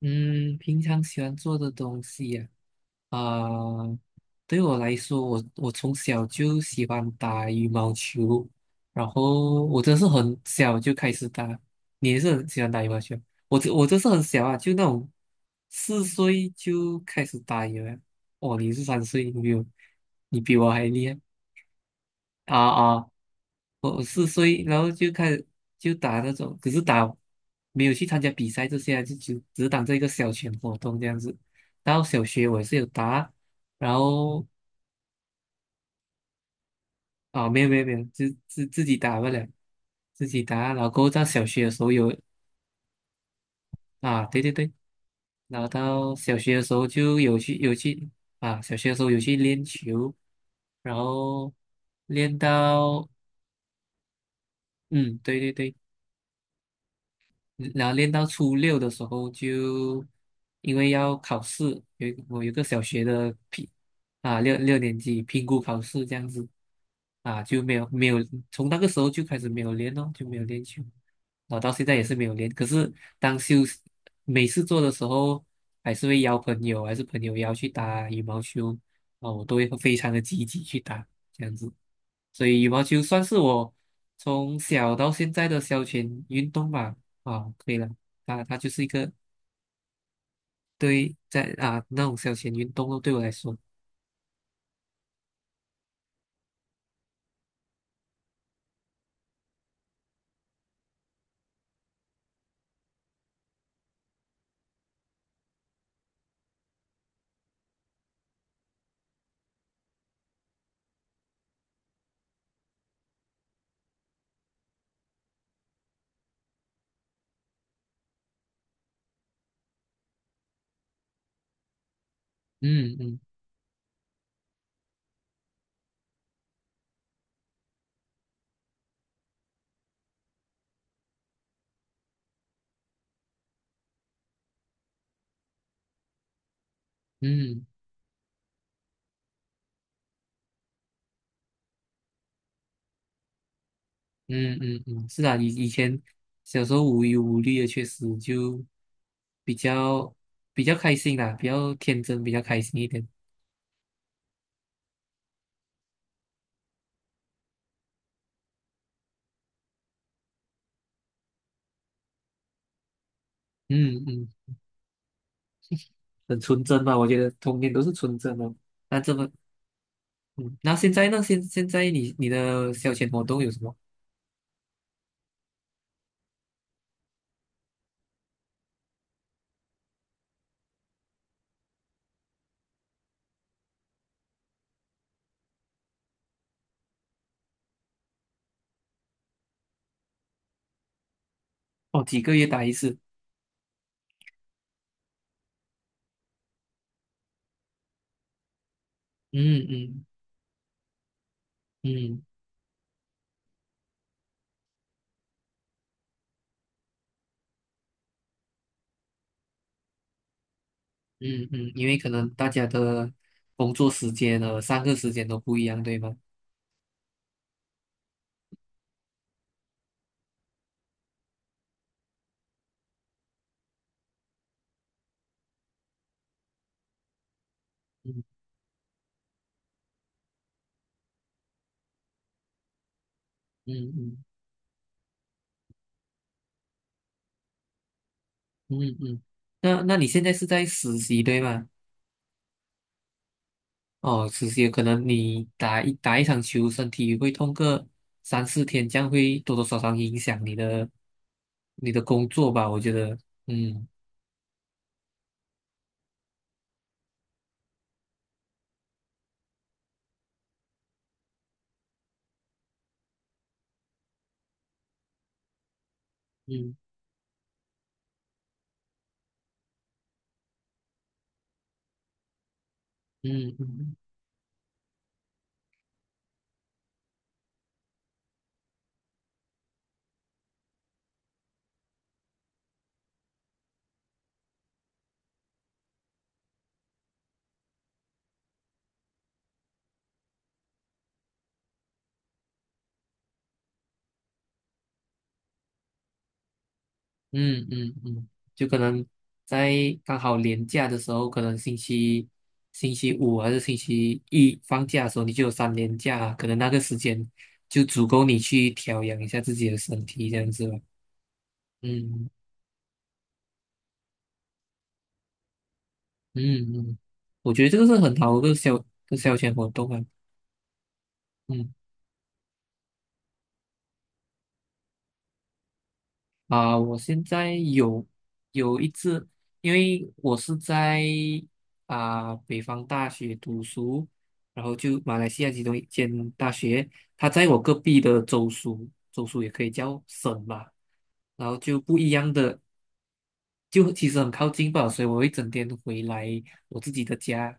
嗯，平常喜欢做的东西呀、啊，呃对我来说，我从小就喜欢打羽毛球，然后我真是很小就开始打。你也是很喜欢打羽毛球？我真是很小啊，就那种四岁就开始打羽毛。哦，你是三岁，你比我还厉害。啊啊我四岁，然后就开始就打那种，可是打没有去参加比赛这些啊，就只是当这一个小群活动这样子。然后小学我也是有打，然后没有没有没有，自己打不了，自己打。然后过后到小学的时候有。啊，对对对，然后到小学的时候就有去有去。啊，小学的时候有去练球，然后练到。嗯，对对对。然后练到初六的时候就，因为要考试，有一个我有个小学的评。六年级评估考试这样子。啊就没有没有从那个时候就开始没有练咯，就没有练球，然后到现在也是没有练。可是当休息每次做的时候，还是会邀朋友，还是朋友邀去打羽毛球，啊，我都会非常的积极去打，这样子。所以羽毛球算是我从小到现在的消遣运动吧。啊，可以了，啊，它就是一个对在啊那种消遣运动咯，对我来说，嗯嗯嗯嗯，是啊，以前小时候无忧无虑的，确实就比较比较开心啦，比较天真，比较开心一点。嗯嗯，很纯真吧，我觉得童年都是纯真的。那这么，嗯，那现在呢？现在你的消遣活动有什么？哦，几个月打一次。嗯嗯嗯嗯，因为可能大家的工作时间和上课时间都不一样，对吗？嗯嗯嗯嗯嗯，那你现在是在实习对吗？哦，实习可能你打一场球，身体会痛个三四天，这样会多多少少影响你的工作吧？我觉得。嗯嗯嗯嗯。嗯嗯嗯，就可能在刚好连假的时候，可能星期五还是星期一放假的时候，你就有三连假，可能那个时间就足够你去调养一下自己的身体，这样子吧。嗯嗯嗯，嗯，我觉得这个是很好的一个个消遣活动啊。嗯。啊，我现在有有一次，因为我是在啊北方大学读书，然后就马来西亚其中一间大学，它在我隔壁的州属，州属也可以叫省吧，然后就不一样的。就其实很靠近吧，所以我会整天回来我自己的家，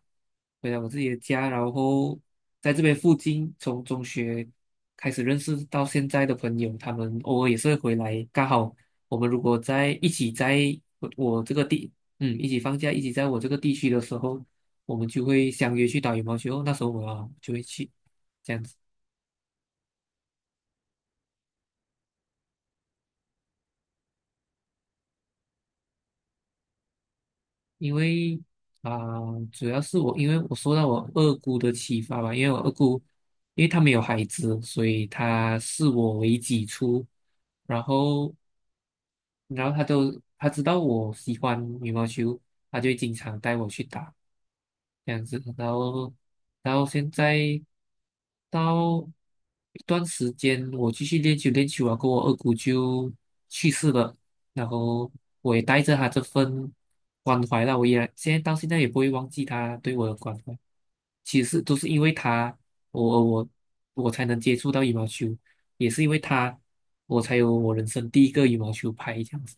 回来我自己的家，然后在这边附近，从中学开始认识到现在的朋友，他们偶尔也是会回来，刚好我们如果在一起在我这个地，嗯，一起放假，一起在我这个地区的时候，我们就会相约去打羽毛球，那时候我就会去，这样子。因为啊、主要是我，因为我受到我二姑的启发吧，因为我二姑，因为她没有孩子，所以她视我为己出，然后，然后她知道我喜欢羽毛球，她就会经常带我去打，这样子，然后然后现在到一段时间，我继续练球啊，跟我二姑就去世了，然后我也带着她这份关怀啦，我也现在也不会忘记她对我的关怀。其实都是因为他，我我我才能接触到羽毛球，也是因为他，我才有我人生第一个羽毛球拍这样子。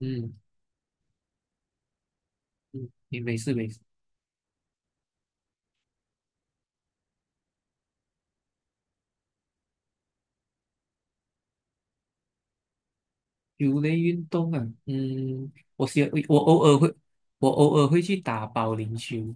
嗯嗯，也没事没事。球类运动啊，嗯，我喜欢我偶尔会去打保龄球。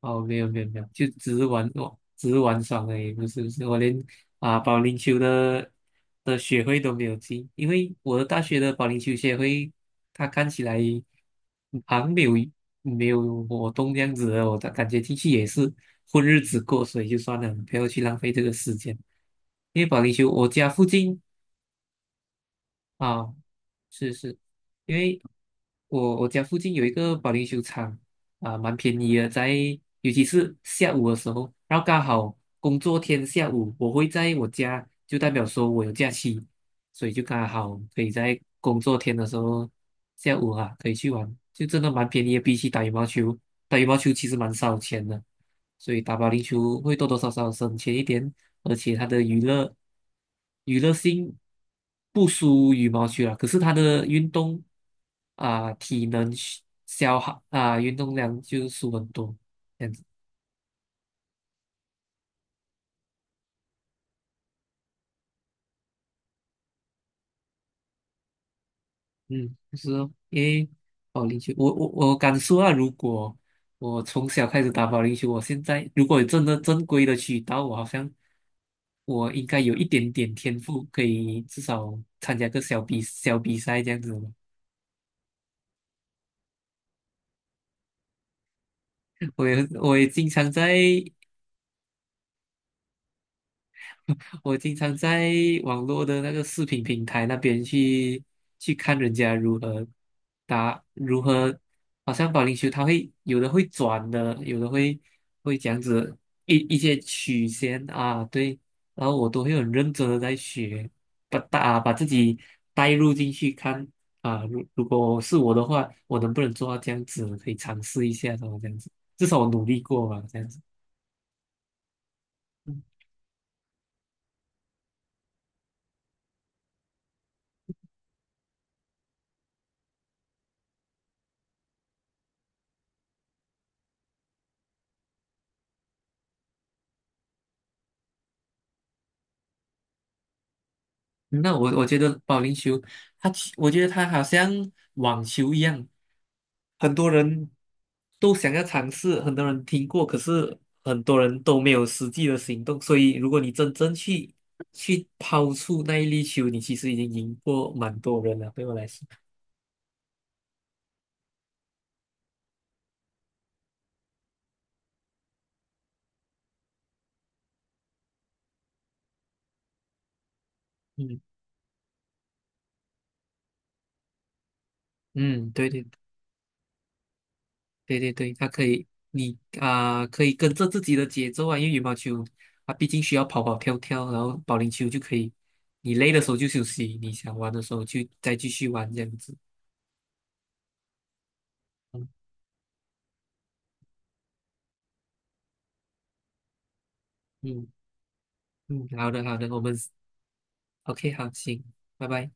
哦，没有没有没有，就只是玩我只是玩耍而已，不是不是，我连啊保龄球的学会都没有进，因为我的大学的保龄球协会，它看起来好像没有活动这样子的，我的感觉进去也是混日子过，所以就算了，不要去浪费这个时间。因为保龄球，我家附近。啊。是是，因为我家附近有一个保龄球场啊，蛮便宜的，在尤其是下午的时候，然后刚好工作天下午，我会在我家，就代表说我有假期，所以就刚好可以在工作天的时候下午啊，可以去玩，就真的蛮便宜的，比起打羽毛球，打羽毛球其实蛮烧钱的。所以打保龄球会多多少少省钱一点，而且它的娱乐性不输羽毛球啦。可是它的运动啊、体能消耗啊、运动量就输很多这样子。嗯，就是哦，因为保龄球，我敢说啊，如果我从小开始打保龄球，我现在如果有真的正规的渠道，我好像我应该有一点点天赋，可以至少参加个小比赛这样子。我也经常在我经常在网络的那个视频平台那边去去看人家如何打，如何好像保龄球，它会有的会会这样子一些曲线啊，对，然后我都会很认真的在学，把自己带入进去看啊，如果是我的话，我能不能做到这样子，可以尝试一下，什么这样子，至少我努力过吧，这样子。嗯嗯，那我觉得保龄球，我觉得它好像网球一样，很多人都想要尝试，很多人听过，可是很多人都没有实际的行动。所以，如果你真正去抛出那一粒球，你其实已经赢过蛮多人了。对我来说，嗯嗯，对对。对对对，它可以，你啊、可以跟着自己的节奏啊，因为羽毛球啊，毕竟需要跑跑跳跳，然后保龄球就可以，你累的时候就休息，你想玩的时候就再继续玩这样子。嗯嗯嗯，好的好的，我们 OK 好，行，拜拜。